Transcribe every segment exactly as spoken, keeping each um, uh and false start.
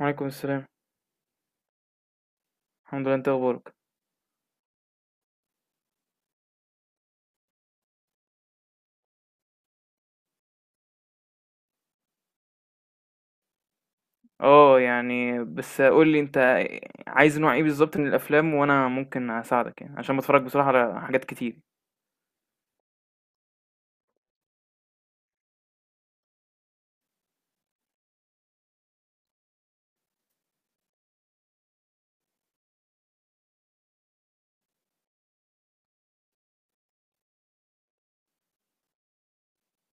وعليكم السلام. الحمد لله، انت اخبارك؟ اه، يعني بس قول لي انت عايز نوع ايه بالظبط من الافلام، وانا ممكن اساعدك يعني عشان بتفرج بصراحه على حاجات كتير.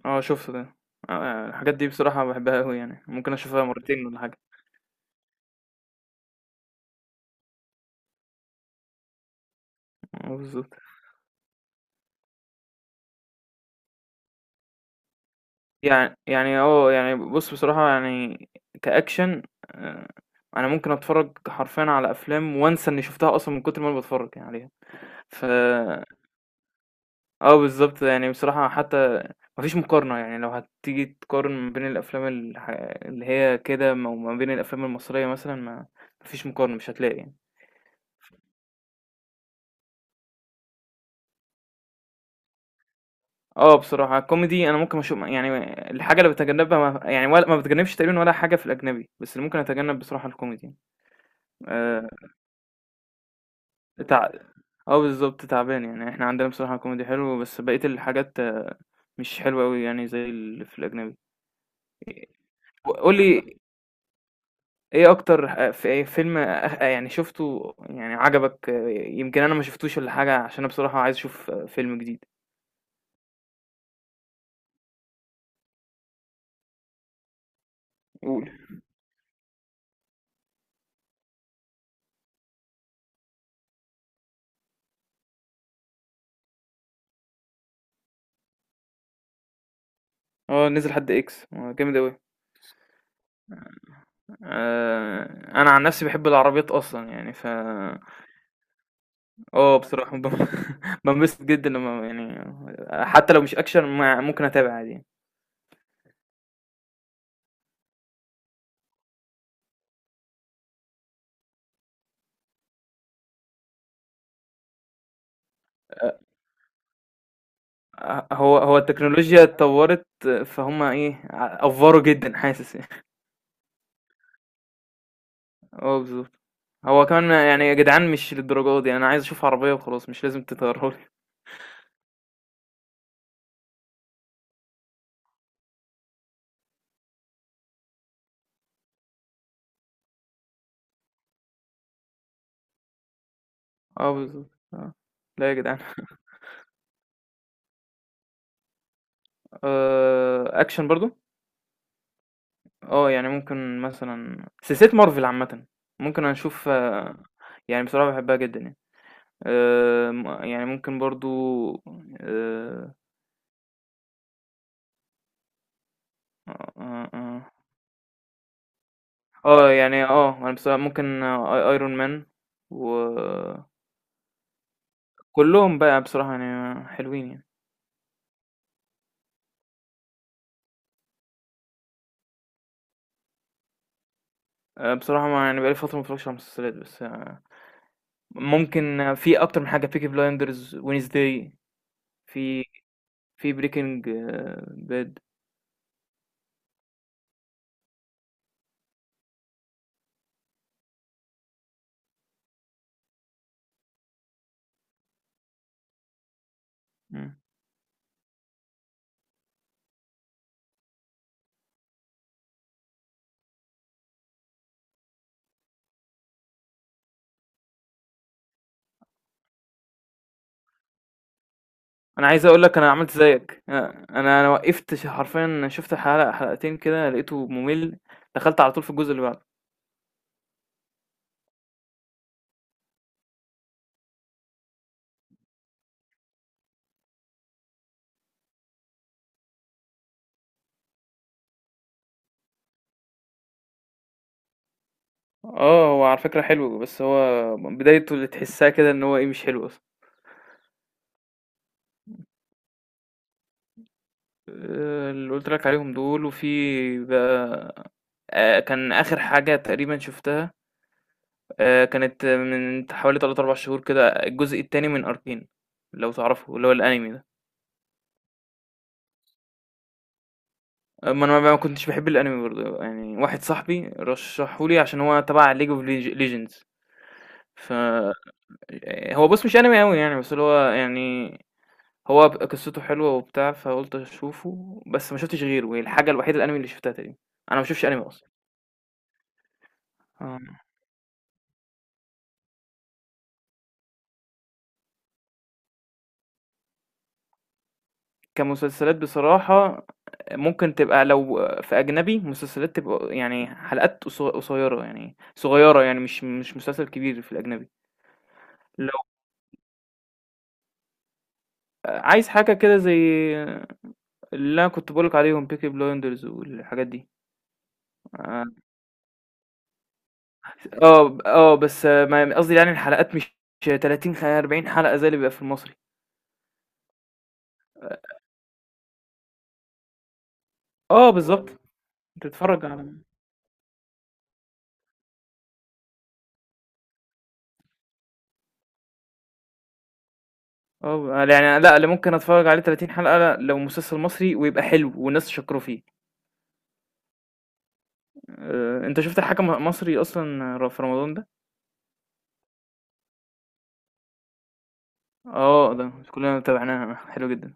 اه، شفت ده. اه، الحاجات دي بصراحه بحبها قوي يعني، ممكن اشوفها مرتين ولا حاجه. اه، بالظبط. يعني يعني اه يعني بص بصراحه يعني كاكشن، اه، انا ممكن اتفرج حرفيا على افلام وانسى اني شفتها اصلا من كتر ما انا بتفرج يعني عليها. ف آه بالضبط، يعني بصراحة حتى ما فيش مقارنة، يعني لو هتيجي تقارن ما بين الأفلام الح اللي هي كده م وما بين الأفلام المصرية مثلًا، ما ما فيش مقارنة، مش هتلاقي يعني. آه بصراحة الكوميدي، أنا ممكن أشو يعني الحاجة اللي باتجنبها ما يعني، ولا ما باتجنبش تقريبًا ولا حاجة في الأجنبي، بس اللي ممكن أتجنب بصراحة الكوميدي. آآ تع آه بالضبط، تعبان، يعني إحنا عندنا بصراحة كوميدي حلو، بس بقية الحاجات آه، مش حلوة أوي يعني زي اللي في الأجنبي. قُل لي إيه أكتر ح في ايه فيلم أخ يعني شُفته يعني عجبك، آه، يمكن أنا ما شُفتوش والّا حاجة، عشان أنا بصراحة عايز أشوف، آه، فيلم جديد؟ قُل. آه، نزل حد X، آه، جامد أوي. آآ أنا عن نَفْسي باحب العربيات أصلًا يعني. ف آه بصراحة ب بانبسط جدًا لمّا يعني، آه، حتّى لو مش action ما ممكن أتابع عادي يعني. أ هو هو التكنولوجيا اتطوّرت، آه، فهُم إيه، أ أفّوروا جدًا حاسس. اه، بالظبط. هو كمان يعني يا جدعان، مش للدرجة دي، انا عايز اشوف عربية وخلاص، مش لازم تطيرها لي. اه، بالظبط، اه. لا يا جدعان. آه اكشن برضو. اه، يعني ممكن مثلا سلسلة مارفل عامة، ممكن اشوف، آه، يعني بصراحة بحبها جدا يعني. آه م- يعني ممكن برضو. اه. آه، آه. آه، يعني اه انا بصراحة ممكن، آه، آي- ايرون مان وكلهم بقى، بصراحة يعني حلوين يعني. آه، بصراحة ما يعني بقالي فترة ما اتفرجش على المسلسلات، بس آه، ممكن، في اكتر من حاجه: بيكي بلايندرز، وينزداي، في في بريكنج باد. انا عايز اقول لك انا عملت زيك، آه، انا انا وقفت، ش- حرفيا شفت حلقه حلقتين كده، لقيته ممل. دخلت على طول في الجزء اللي بعده. اه، هو على فكره حلو، بس هو بدايته اللي تحسها كده ان هو ايه، مش حلو اصلا. آه، اللي قلت لك عليهم دول، وفي بقى، آه، كان اخر حاجه تقريبا شفتها، آآ كانت من حوالي تلات، 4 شهور كده، الجزء التاني من أركين، لو تعرفه، اللي هو الأنمي ده. أمّا أنا ما كنتش باحب الأنمي برضه، يعني واحد صاحبي رشّحه لي عشان هو تبع League of Leg Legends. ف آه، هو بُص، مش أنمي أوي يعني، بس اللي هو يعني، هو ب قصته حلوة وبتاع، فقُلت أشوفه. بس ما شُفتش غيره، هي الحاجة الوحيدة الأنمي اللي شُفتها تقريبًا. أنا ما باشوفش أنمي أصلًا. آه. كمسلسلات بصراحة، ممكن تبقى لو في أجنبي مسلسلات، تبقى يعني حلقات قص- قصيرة، يعني صغيرة، يعني مش مش مسلسل كبير في الأجنبي. لو عايز حاجة كده، زي اللي أنا كنت بقولك عليهم، بيكي بلايندرز والحاجات دي. اه، اه، آه، بس ما- قصدي يعني الحلقات مش تلاتين، خ- 40 حلقة زي اللي بيبقى في المصري. اه، بالظبط، تتفرج على. اه، يعني لا، اللي ممكن اتفرج عليه 30 حلقة لو مسلسل مصري ويبقى حلو والناس شكروا فيه. آه، انت شفت الحكم مصري اصلا في رمضان ده؟ اه، ده كلنا تابعناه، حلو جدا.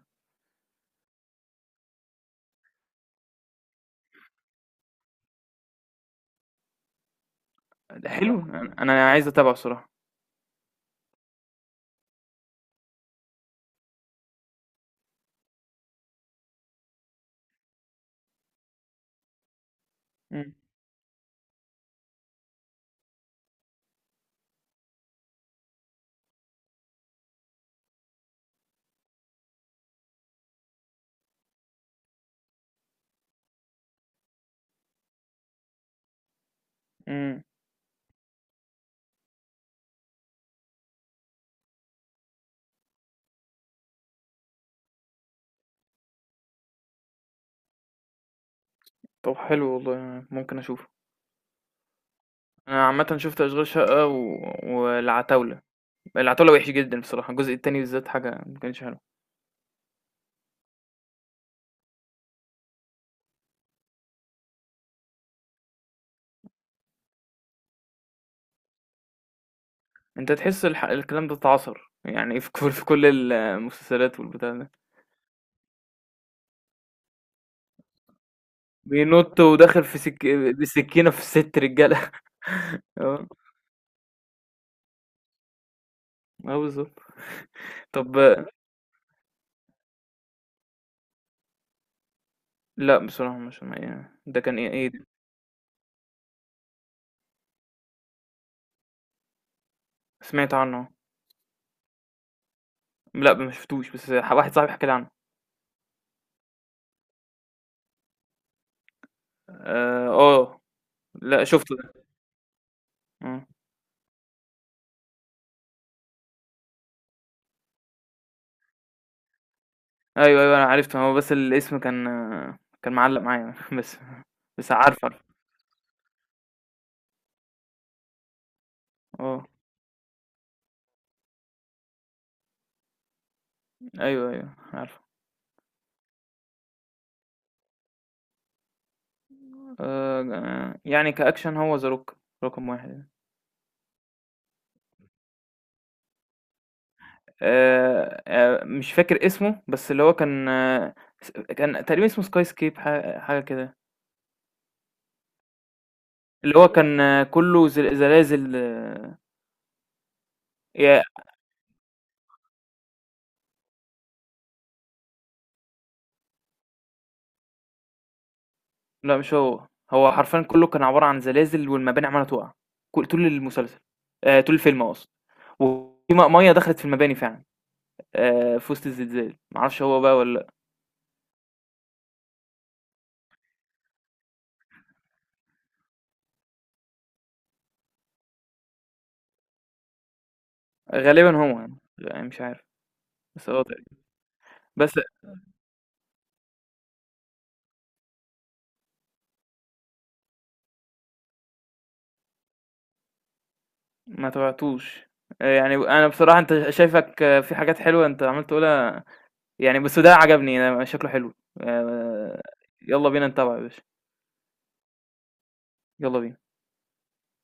ده حلو، انا أنا عايز اتابعه الصراحه. مم. مم. طب حلو والله، ممكن اشوفه. انا عامه شفت اشغال شقه و... والعتاوله. العتاوله وحش جدا بصراحه، الجزء التاني بالذات حاجه ما كانش حلو. انت تحس الح... الكلام ده اتعصر يعني في كل في كل المسلسلات والبتاع ده. بينط وداخل في سك... بسكينه في ست رجاله اه، اه، بالظبط. طب لا، بصراحه مش يعني، ده كان ايه إيه؟ سمعت عنه. لأ ما شفتوش، بس ح واحد صاحبي حكى لي عنه. آآ، آه، لأ، شُفته ده، آه، أيوه، أيوه، أنا عرفته، هو بس الاسم كان كان معلّق معايا بس، بس عارفه، عارفه. آه، أيوه، أيوه عارفه. آآ، يعني كأكشن هو The Rock رقم واحد. آآ، آآ، مش فاكر اسمه، بس اللي هو كان، س كان تقريبًا اسمه Skyscape، ح حاجة حاجة كده. اللي هو كان، آه، كُلّه زل زلازل. ي لأ مش هو، هو حرفيًا كلّه كان عبارة عن زلازل والمباني عمّالة تُقع، كل طول المسلسل، آآ طول الفيلم أقصد، وفي م مَيّة دخلت في المباني فعلًا، آآ في وسط الزلزال، ما أعرفش هو بقى والّا. لأ، غالبًا هو يعني، يعني، مش عارف. بس هو تقريبًا. بس ما تابعتوش. آآ يعني أنا بصراحة، أنت شايفك آه، في حاجات حلوة أنت عمّال تقولها، يعني بس ده عجبني، أنا شكله حلو. آآ يالّا بينا نتابعه يا باشا، يالّا بينا.